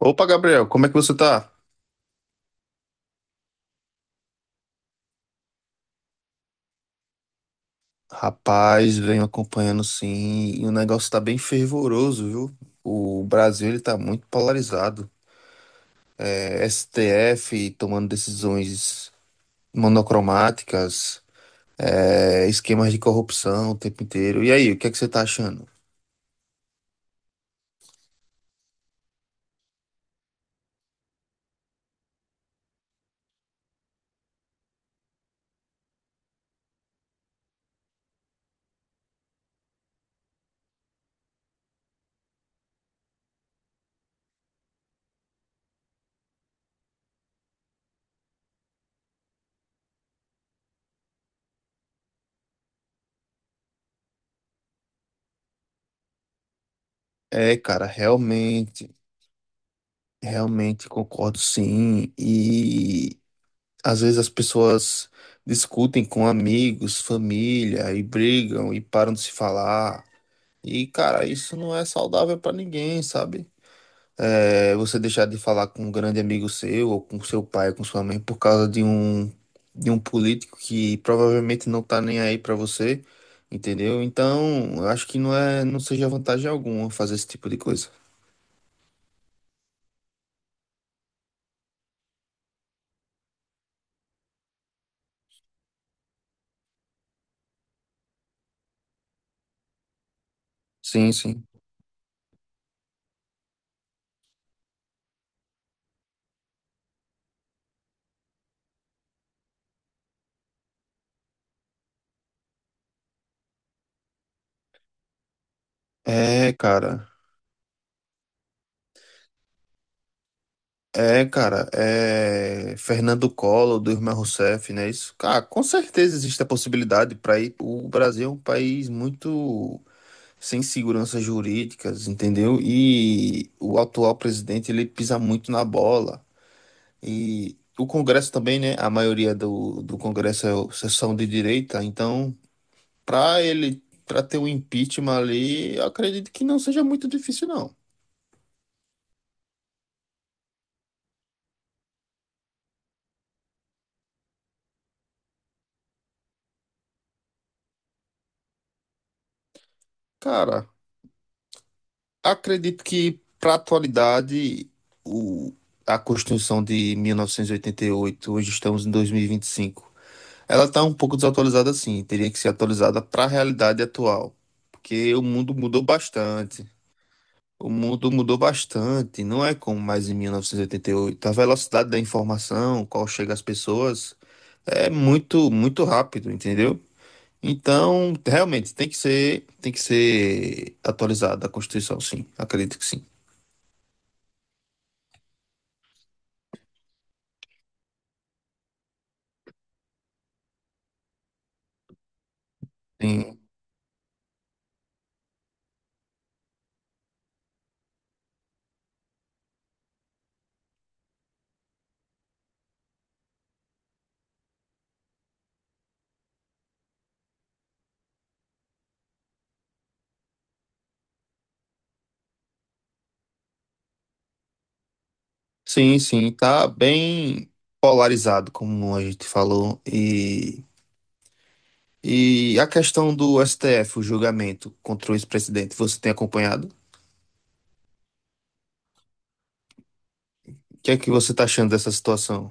Opa, Gabriel, como é que você tá? Rapaz, venho acompanhando sim, e o negócio tá bem fervoroso, viu? O Brasil ele tá muito polarizado. STF tomando decisões monocromáticas, esquemas de corrupção o tempo inteiro. E aí, o que é que você tá achando? É, cara, realmente concordo sim. E às vezes as pessoas discutem com amigos, família, e brigam e param de se falar. E, cara, isso não é saudável pra ninguém, sabe? É, você deixar de falar com um grande amigo seu, ou com seu pai, com sua mãe, por causa de um político que provavelmente não tá nem aí pra você, entendeu? Então, eu acho que não é, não seja vantagem alguma fazer esse tipo de coisa. Sim, sim. É, cara. É, cara, é Fernando Collor, do irmão Rousseff, né? Isso, cara, com certeza existe a possibilidade para ir. O Brasil é um país muito sem seguranças jurídicas, entendeu? E o atual presidente, ele pisa muito na bola. E o Congresso também, né? A maioria do Congresso é são de direita, então, para ele, para ter um impeachment ali, eu acredito que não seja muito difícil, não. Cara, acredito que para atualidade, o, a Constituição de 1988, hoje estamos em 2025. Ela está um pouco desatualizada, sim. Teria que ser atualizada para a realidade atual, porque o mundo mudou bastante. O mundo mudou bastante, não é como mais em 1988. A velocidade da informação, qual chega às pessoas, é muito, muito rápido, entendeu? Então, realmente tem que ser atualizada a Constituição, sim. Acredito que sim. Sim, sim, sim, tá bem polarizado, como a gente falou, e a questão do STF, o julgamento contra o ex-presidente, você tem acompanhado? O que é que você está achando dessa situação?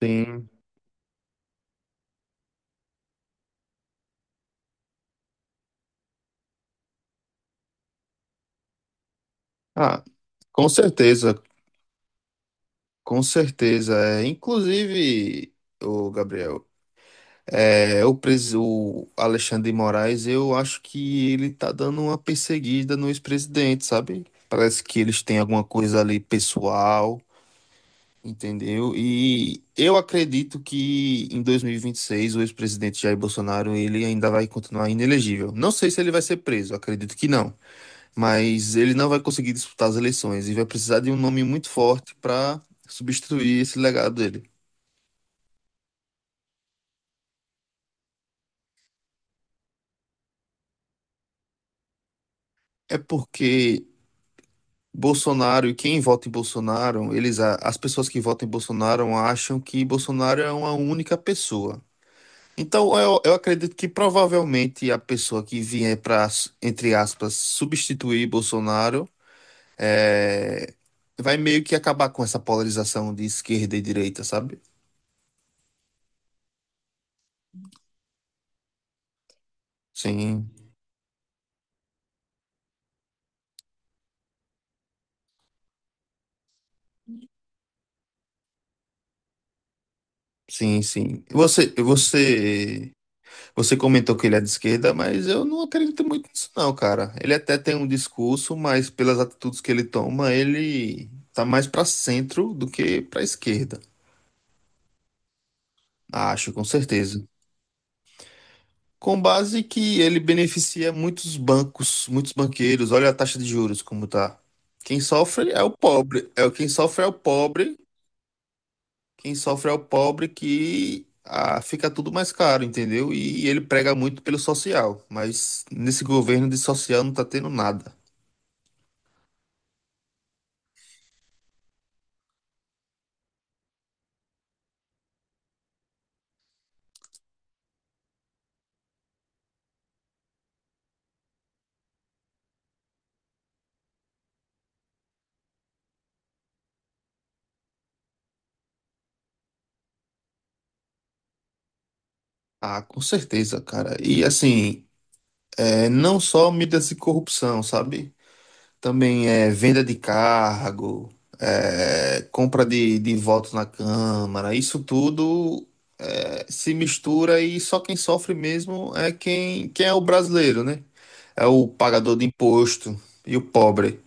Sim. Ah, com certeza, com certeza. É, inclusive, o Gabriel, o Alexandre de Moraes, eu acho que ele tá dando uma perseguida no ex-presidente, sabe? Parece que eles têm alguma coisa ali pessoal. Entendeu? E eu acredito que em 2026 o ex-presidente Jair Bolsonaro ele ainda vai continuar inelegível. Não sei se ele vai ser preso, acredito que não, mas ele não vai conseguir disputar as eleições e vai precisar de um nome muito forte para substituir esse legado dele. É porque Bolsonaro e quem vota em Bolsonaro, as pessoas que votam em Bolsonaro acham que Bolsonaro é uma única pessoa. Então, eu acredito que provavelmente a pessoa que vier para, entre aspas, substituir Bolsonaro é, vai meio que acabar com essa polarização de esquerda e direita, sabe? Sim, sim, sim. Você comentou que ele é de esquerda, mas eu não acredito muito nisso, não, cara. Ele até tem um discurso, mas pelas atitudes que ele toma, ele tá mais para centro do que para esquerda. Acho, com certeza. Com base que ele beneficia muitos bancos, muitos banqueiros. Olha a taxa de juros como tá. Quem sofre é o pobre. É o quem sofre é o pobre. Quem sofre é o pobre que fica tudo mais caro, entendeu? E ele prega muito pelo social, mas nesse governo de social não tá tendo nada. Ah, com certeza, cara. E assim, é, não só medidas de corrupção, sabe? Também é venda de cargo, é, compra de votos na Câmara, isso tudo é, se mistura e só quem sofre mesmo é quem é o brasileiro, né? É o pagador de imposto e o pobre.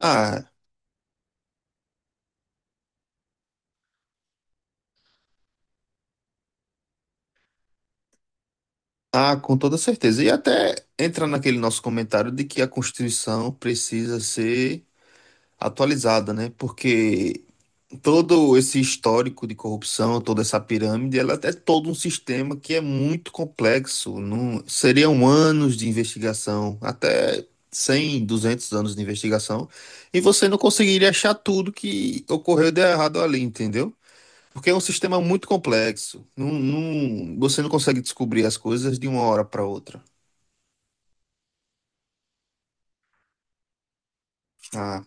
Ah, ah, com toda certeza. E até entra naquele nosso comentário de que a Constituição precisa ser atualizada, né? Porque todo esse histórico de corrupção, toda essa pirâmide, ela é todo um sistema que é muito complexo. Não, seriam anos de investigação, até 100, 200 anos de investigação, e você não conseguiria achar tudo que ocorreu de errado ali, entendeu? Porque é um sistema muito complexo. Você não consegue descobrir as coisas de uma hora para outra. Ah,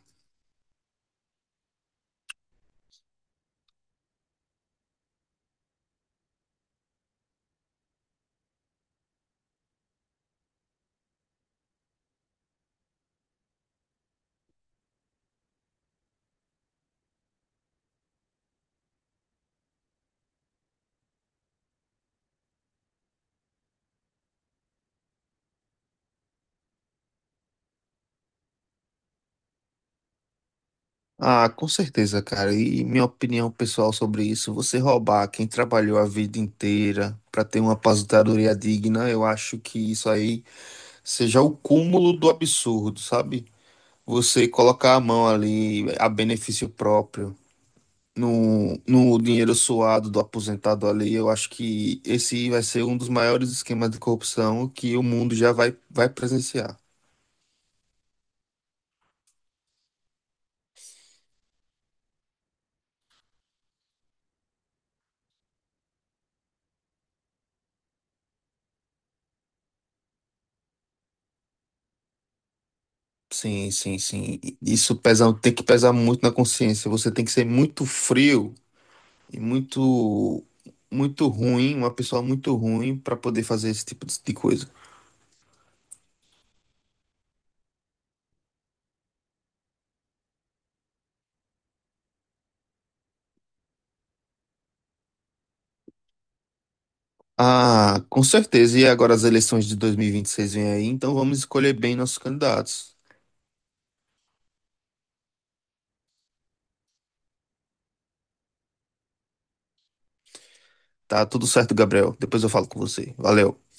Ah, com certeza, cara. E minha opinião pessoal sobre isso, você roubar quem trabalhou a vida inteira para ter uma aposentadoria digna, eu acho que isso aí seja o cúmulo do absurdo, sabe? Você colocar a mão ali a benefício próprio no dinheiro suado do aposentado ali, eu acho que esse vai ser um dos maiores esquemas de corrupção que o mundo vai presenciar. Sim, sim, sim. Isso pesa, tem que pesar muito na consciência. Você tem que ser muito frio e muito ruim, uma pessoa muito ruim para poder fazer esse tipo de coisa. Ah, com certeza. E agora as eleições de 2026 vêm aí, então vamos escolher bem nossos candidatos. Tá tudo certo, Gabriel. Depois eu falo com você. Valeu.